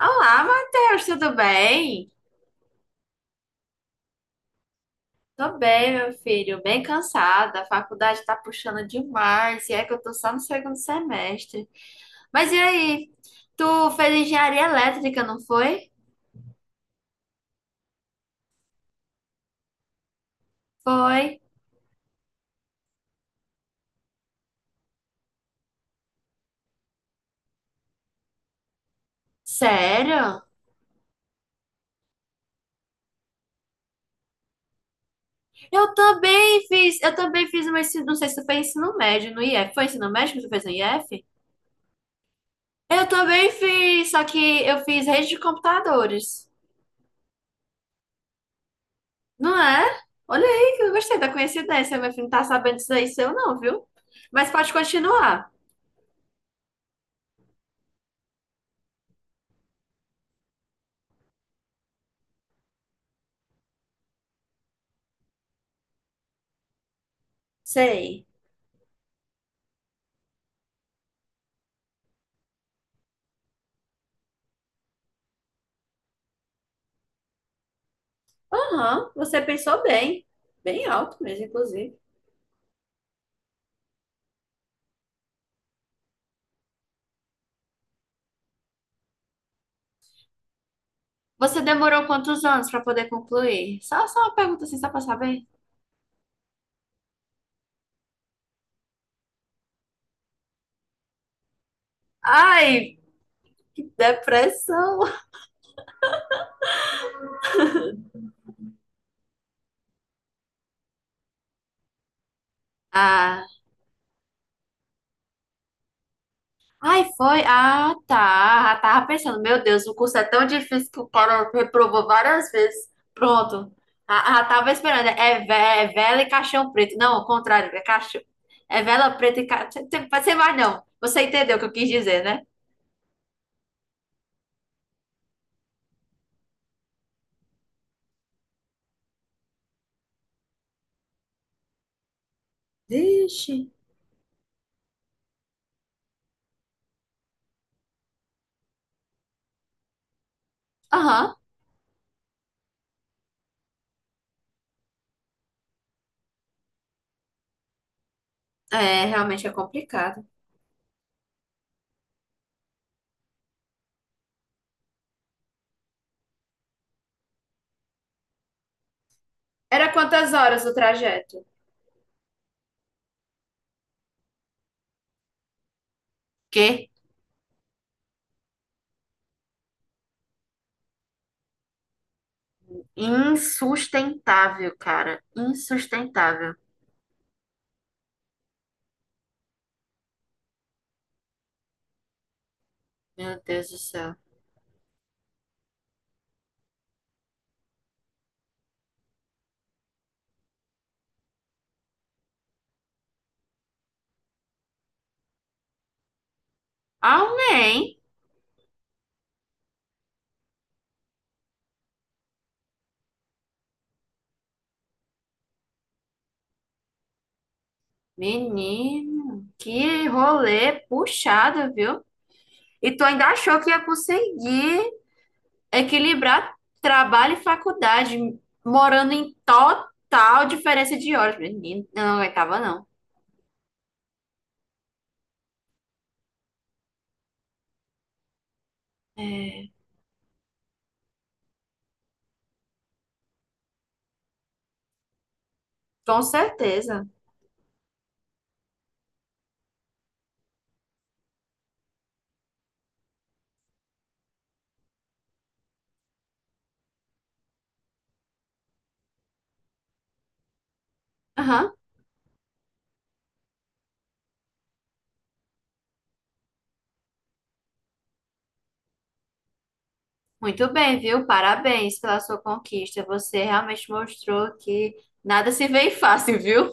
Olá, Matheus, tudo bem? Tô bem, meu filho, bem cansada. A faculdade tá puxando demais, e é que eu tô só no segundo semestre. Mas e aí? Tu fez engenharia elétrica, não foi? Foi. Sério? Eu também fiz não sei se tu fez ensino médio no IF. Foi ensino médio que tu fez no IF? Eu também fiz, só que eu fiz rede de computadores. Não é? Olha aí que eu gostei da coincidência. Meu filho não tá sabendo disso aí seu, não, viu? Mas pode continuar. Sei. Aham, você pensou bem. Bem alto mesmo, inclusive. Você demorou quantos anos para poder concluir? Só, só uma pergunta assim, só pra saber. Ai, que depressão. Ah. Ai, foi? Ah, tá. Eu tava pensando, meu Deus, o curso é tão difícil que o cara reprovou várias vezes. Pronto. Tava esperando. É, é vela e caixão preto. Não, ao contrário, é caixão. É vela preta e caixão. Você vai, não. Você entendeu o que eu quis dizer, né? Vixe. Aham. É, realmente é complicado. Era quantas horas o trajeto? Que insustentável, cara. Insustentável. Meu Deus do céu. Amém. Menino, que rolê puxado, viu? E tu ainda achou que ia conseguir equilibrar trabalho e faculdade, morando em total diferença de horas. Menino, eu não aguentava, não. É, com certeza. Aham. Muito bem, viu? Parabéns pela sua conquista. Você realmente mostrou que nada se vê fácil, viu?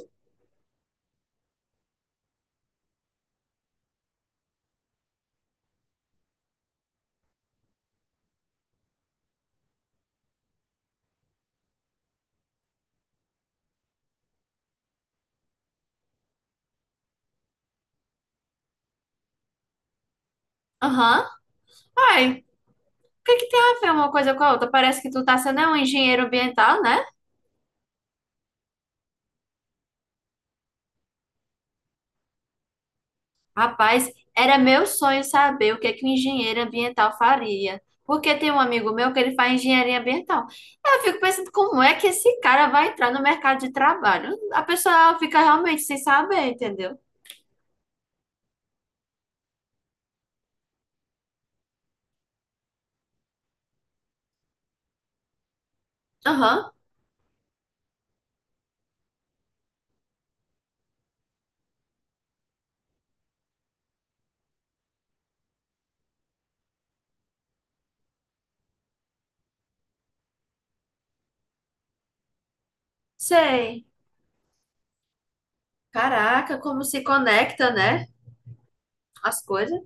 Aham. Ai, o que que tem a ver uma coisa com a outra? Parece que tu tá sendo um engenheiro ambiental, né? Rapaz, era meu sonho saber o que é que um engenheiro ambiental faria. Porque tem um amigo meu que ele faz engenharia ambiental. Eu fico pensando como é que esse cara vai entrar no mercado de trabalho. A pessoa fica realmente sem saber, entendeu? Aham, sei. Caraca, como se conecta, né? As coisas.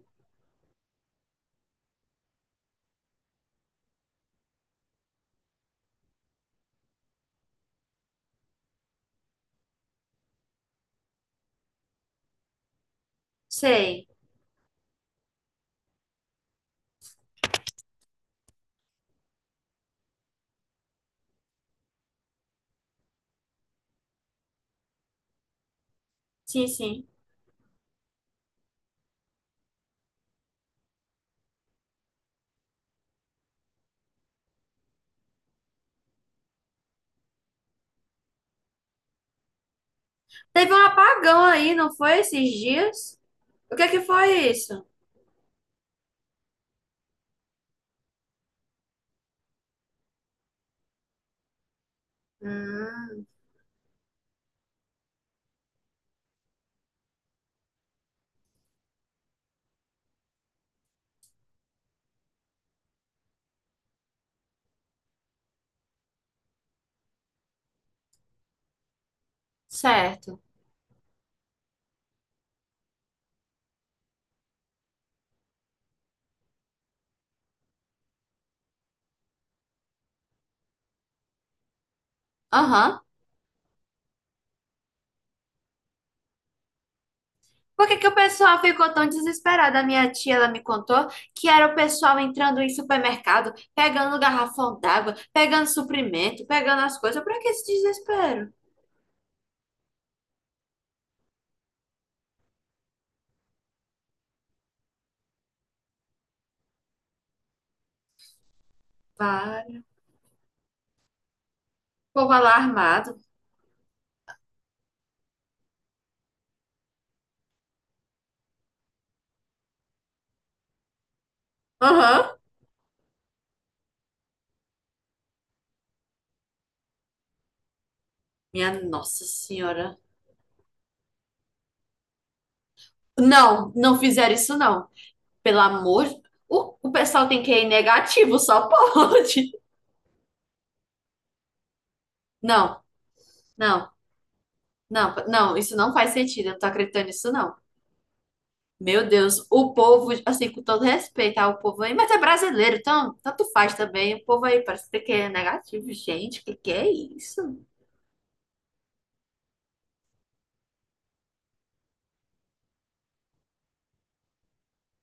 Sei. Sim, sim. Teve um apagão aí, não foi esses dias? O que é que foi isso? Hum, certo. Aham. Por que que o pessoal ficou tão desesperado? A minha tia, ela me contou que era o pessoal entrando em supermercado, pegando garrafão d'água, pegando suprimento, pegando as coisas. Pra que esse desespero? Vale. O povo lá armado. Aham. Minha Nossa Senhora. Não, não fizeram isso não. Pelo amor de... O pessoal tem que ir negativo, só pode. Não, não, não, não. Isso não faz sentido. Eu não tô acreditando nisso não. Meu Deus, o povo, assim, com todo respeito ao povo aí, mas é brasileiro, então tanto faz também. O povo aí parece que é negativo. Gente, que é isso?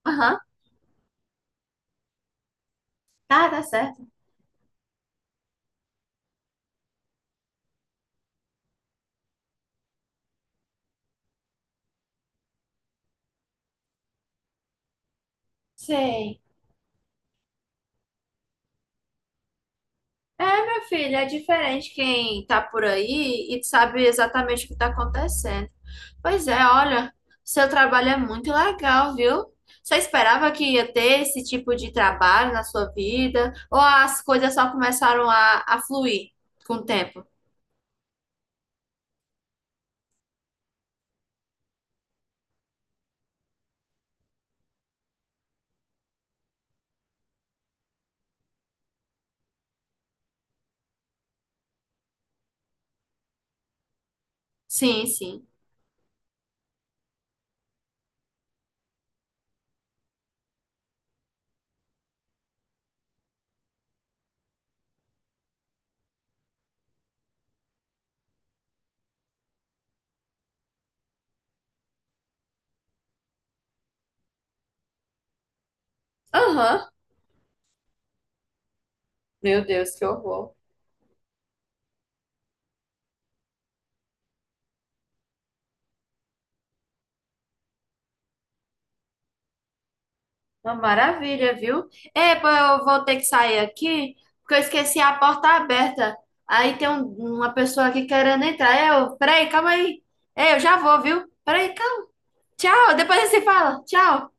Aham, tá, tá certo. Sei. É, meu filho, é diferente quem tá por aí e sabe exatamente o que tá acontecendo. Pois é, olha, seu trabalho é muito legal, viu? Você esperava que ia ter esse tipo de trabalho na sua vida? Ou as coisas só começaram a fluir com o tempo? Sim, sim. Aham. Meu Deus, que horror. Uma maravilha, viu? É, pô, eu vou ter que sair aqui, porque eu esqueci a porta aberta. Aí tem uma pessoa aqui querendo entrar. Eu, peraí, calma aí. É, eu já vou, viu? Peraí, calma. Tchau, depois a gente se fala. Tchau.